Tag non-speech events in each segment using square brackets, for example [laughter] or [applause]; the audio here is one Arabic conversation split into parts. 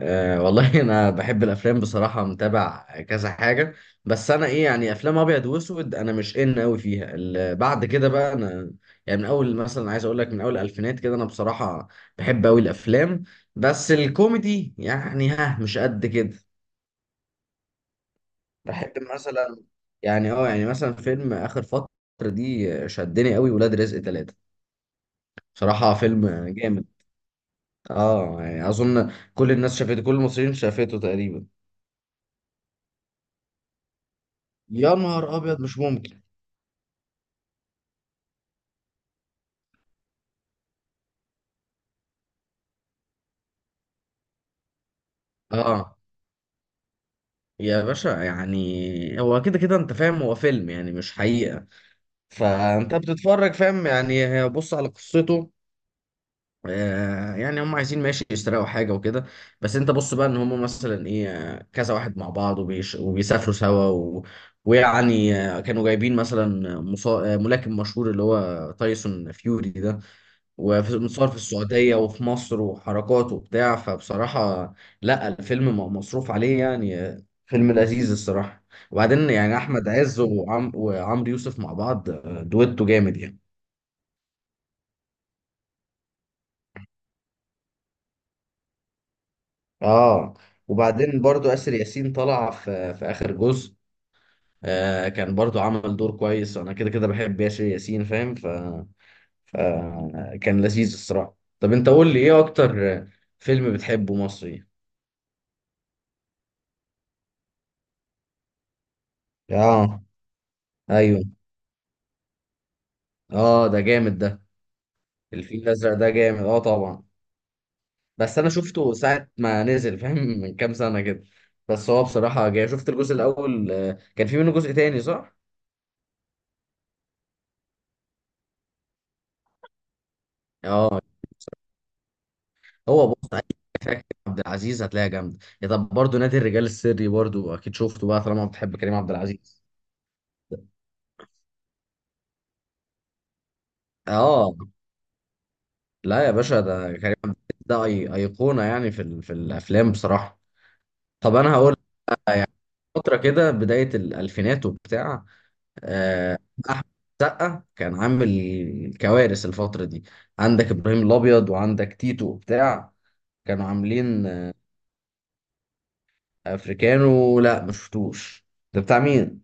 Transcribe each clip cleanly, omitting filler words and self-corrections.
أه والله [laughs] انا بحب الافلام، بصراحه متابع كذا حاجه. بس انا ايه يعني افلام ابيض واسود، انا مش ان قوي فيها بعد كده بقى انا يعني من اول مثلا عايز اقول لك من اول الالفينات كده انا بصراحه بحب قوي الافلام، بس الكوميدي يعني مش قد كده. بحب مثلا، يعني مثلا فيلم اخر فتره دي شدني قوي، ولاد رزق ثلاثة، بصراحه فيلم جامد. اه يعني اظن كل الناس شافته، كل المصريين شافته تقريبا. يا نهار ابيض، مش ممكن! اه. يا باشا يعني هو كده كده انت فاهم، هو فيلم يعني مش حقيقة. فانت بتتفرج فاهم، يعني بص على قصته. يعني هم عايزين، ماشي، يسرقوا حاجة وكده. بس انت بص بقى ان هم مثلا ايه آه، كذا واحد مع بعض وبيسافروا سوا و. ويعني كانوا جايبين مثلا مصا... آه، ملاكم مشهور اللي هو تايسون فيوري ده، ومتصور في السعودية وفي مصر وحركات وبتاع، فبصراحة لا، الفيلم مصروف عليه يعني. فيلم لذيذ الصراحة. وبعدين يعني أحمد عز وعمرو يوسف مع بعض، دويتو جامد يعني. اه وبعدين برضو آسر ياسين طلع في آخر جزء، آه كان برضو عمل دور كويس وأنا كده كده بحب آسر ياسين فاهم، فكان لذيذ الصراحة. طب أنت قول لي، إيه أكتر فيلم بتحبه مصري؟ اه ايوه. اه ده جامد ده. الفيل الازرق ده جامد اه طبعا. بس انا شفته ساعه ما نزل فاهم [laughs] من كام سنه كده. بس هو بصراحه جاي شفت الجزء الاول، كان في منه جزء تاني صح؟ اه. هو بص، أي فكرة عبد العزيز هتلاقيها جامده يا، طب برضه نادي الرجال السري برضه اكيد شفته بقى طالما بتحب كريم عبد العزيز. اه لا يا باشا، ده كريم عبد العزيز ده ايقونه يعني في الافلام بصراحه. طب انا هقول، فترة كده بداية الألفينات وبتاع، آه، أحمد سقا كان عامل كوارث الفترة دي. عندك إبراهيم الأبيض وعندك تيتو وبتاع، كانوا عاملين أفريكانو؟ لا ما شفتوش. ده بتاع مين؟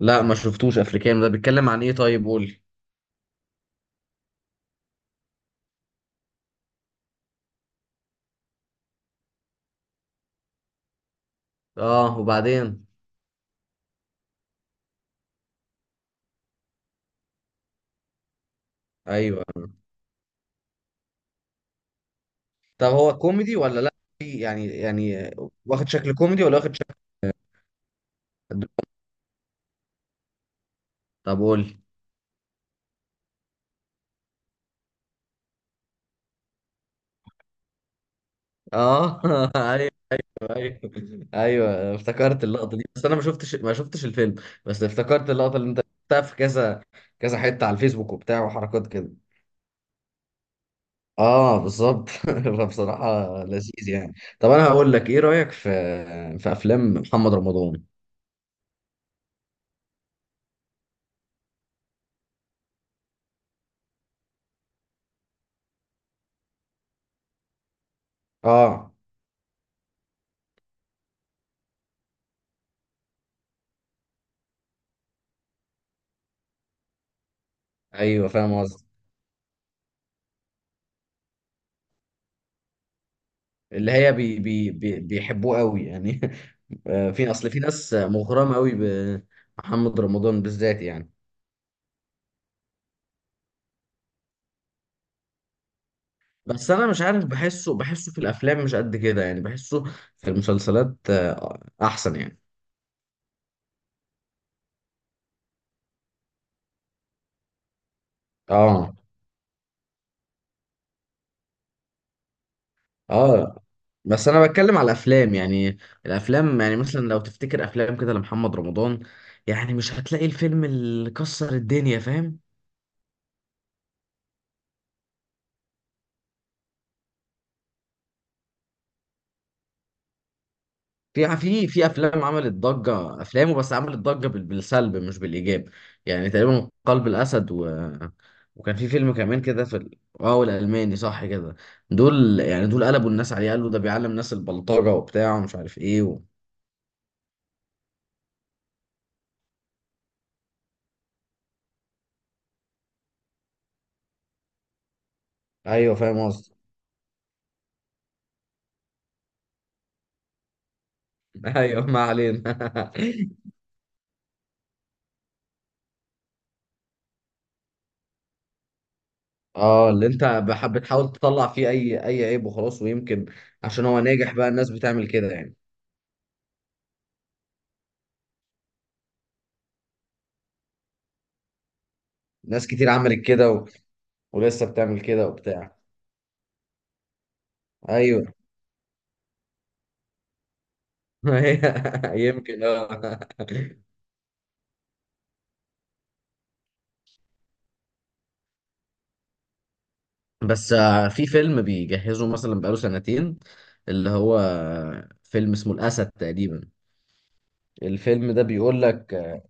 لا ما شفتوش أفريكانو، ده بيتكلم عن إيه طيب؟ قولي. آه. وبعدين؟ أيوه. طب هو كوميدي ولا لا؟ يعني واخد شكل كوميدي ولا واخد شكل؟ طب قولي. آه [laughs] أيوه، ايوه، ايوه، افتكرت اللقطه دي، بس انا ما شفتش الفيلم. بس افتكرت اللقطه اللي انت شفتها في كذا كذا حته على الفيسبوك وبتاع وحركات كده. اه بالظبط [laughs] فبصراحه لذيذ يعني. طب انا هقول لك، ايه رايك في افلام محمد رمضان؟ اه ايوه، فاهم قصدي. اللي هي بي بي بي بيحبوه قوي يعني. [laughs] في اصل في ناس مغرمه قوي بمحمد رمضان بالذات يعني. بس انا مش عارف، بحسه في الافلام مش قد كده يعني، بحسه في المسلسلات احسن يعني. اه، اه، بس انا بتكلم على الافلام يعني، الافلام يعني مثلا لو تفتكر افلام كده لمحمد رمضان، يعني مش هتلاقي الفيلم اللي كسر الدنيا، فاهم. في افلام عملت ضجه افلامه، بس عملت ضجه بالسلب مش بالايجاب. يعني تقريبا قلب الاسد و. وكان في فيلم كمان كده في ال- اه والالماني صح كده. دول يعني دول قلبوا الناس عليه، قالوا ده بيعلم الناس البلطجه وبتاع ومش عارف ايه و. ايوه فاهم قصدي. [laughs] ايوه، ما علينا. [laughs] اه، اللي انت بتحاول تطلع فيه اي عيب وخلاص، ويمكن عشان هو ناجح بقى الناس بتعمل كده يعني. ناس كتير عملت كده، و... ولسه بتعمل كده وبتاع. ايوه [laughs] هي- يمكن اه. بس في فيلم بيجهزه مثلا بقاله سنتين، اللي هو فيلم اسمه الأسد تقريبا. الفيلم ده بيقول لك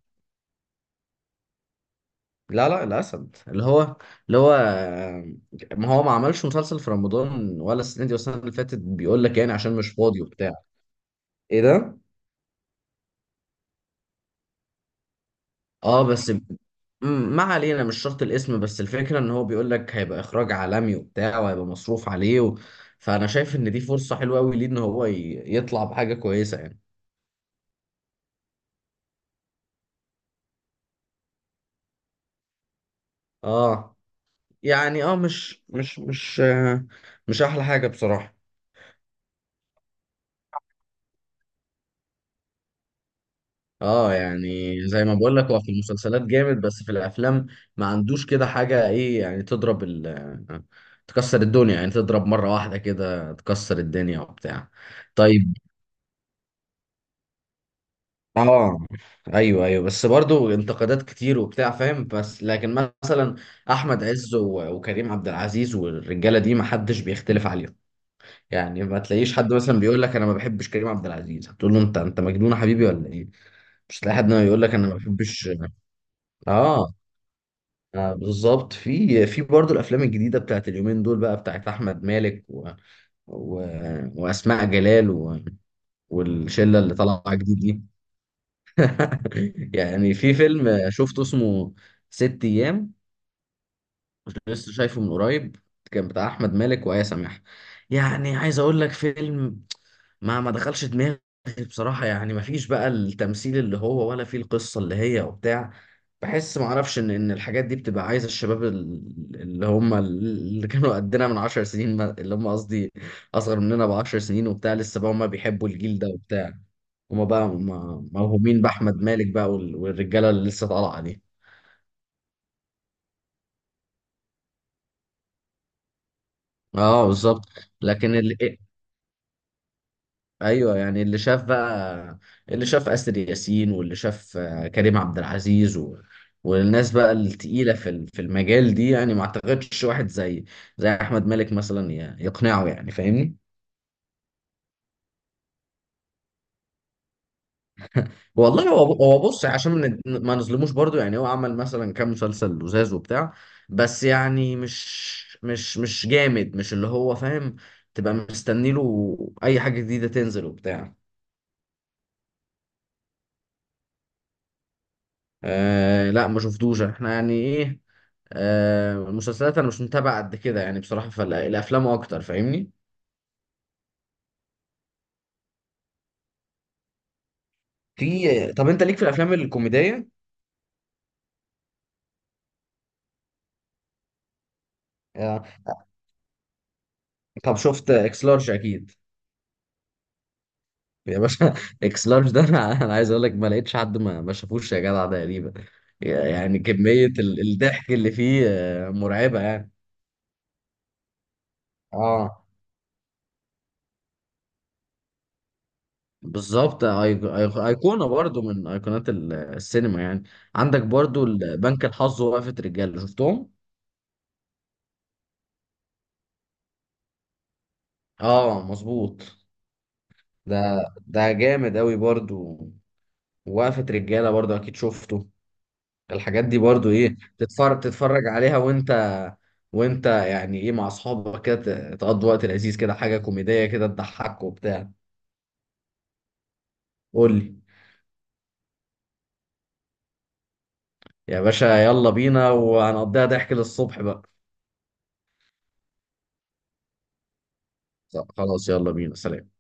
لا، لا، الأسد اللي هو، اللي هو ما هو ما عملش مسلسل في رمضان ولا السنة دي والسنة اللي فاتت، بيقول لك يعني عشان مش فاضي وبتاع. ايه ده؟ اه بس ما علينا، مش شرط الاسم، بس الفكرة ان هو بيقول لك هيبقى اخراج عالمي وبتاع وهيبقى مصروف عليه و. فانا شايف ان دي فرصة حلوة قوي ليه، ان هو يطلع بحاجة كويسة يعني. اه يعني، اه، مش احلى حاجة بصراحة. اه يعني زي ما بقول لك، هو في المسلسلات جامد، بس في الافلام ما عندوش كده حاجة، ايه يعني تضرب تكسر الدنيا يعني، تضرب مرة واحدة كده تكسر الدنيا وبتاع. طيب. اه ايوه، ايوه، بس برضو انتقادات كتير وبتاع فاهم، بس لكن مثلا احمد عز وكريم عبد العزيز والرجاله دي ما حدش بيختلف عليهم، يعني ما تلاقيش حد مثلا بيقول لك انا ما بحبش كريم عبد العزيز، هتقول له انت مجنون يا حبيبي ولا ايه؟ مش هتلاقي حد يقول لك انا ما بحبش. اه. بالظبط، في برضه الافلام الجديده بتاعت اليومين دول بقى، بتاعت احمد مالك و، و، واسماء جلال و، والشله اللي طالعه جديد دي. [laughs] يعني في فيلم شفته اسمه ست ايام، كنت لسه شايفه من قريب، كان بتاع احمد مالك وآية سماحة، يعني عايز اقول لك، فيلم ما دخلش دماغي بصراحة يعني، ما فيش بقى التمثيل اللي هو، ولا فيه القصة اللي هي وبتاع. بحس ما اعرفش ان الحاجات دي بتبقى عايزة الشباب اللي هم اللي كانوا قدنا من 10 سنين، اللي هم قصدي اصغر مننا ب10 سنين وبتاع، لسه بقى هم بيحبوا الجيل ده وبتاع. هما بقى موهومين بأحمد مالك بقى والرجالة اللي لسه طالعة دي. اه بالظبط، لكن ايوه يعني، اللي شاف بقى، اللي شاف اسر ياسين واللي شاف كريم عبد العزيز و، والناس بقى التقيله في المجال دي يعني، ما اعتقدش واحد زي احمد مالك مثلا يقنعه يعني، فاهمني. والله، هو بص عشان ما نظلموش برضو، يعني هو عمل مثلا كام مسلسل لزاز وبتاع، بس يعني مش جامد، مش اللي هو فاهم، تبقى مستني له اي حاجه جديده تنزل وبتاع. آه لا ما شفتوش احنا يعني ايه، آه المسلسلات انا مش متابع قد كده يعني بصراحة، فالافلام اكتر فاهمني. طب انت ليك في الافلام الكوميدية؟ آه. طب شفت اكس لارج اكيد؟ يا باشا [laughs] اكس لارج ده، أنا عايز اقول لك ما لقيتش حد ما شافوش يا جدع تقريبا. يعني كمية الضحك اللي فيه مرعبة يعني. اه بالظبط، ايقونة برضو من ايقونات السينما يعني. عندك برضو بنك الحظ ووقفة رجاله شفتهم. اه مظبوط. ده جامد قوي برضو، وقفة رجالة برضو اكيد شفته. الحاجات دي برضو ايه، تتفرج تتفرج عليها، وانت وانت يعني ايه، مع اصحابك كده تقضي وقت لذيذ، كده حاجة كوميدية كده، تضحك وبتاع. قول لي. يا باشا يلا بينا، وهنقضيها ضحك للصبح بقى. خلاص، يلا بينا، سلام.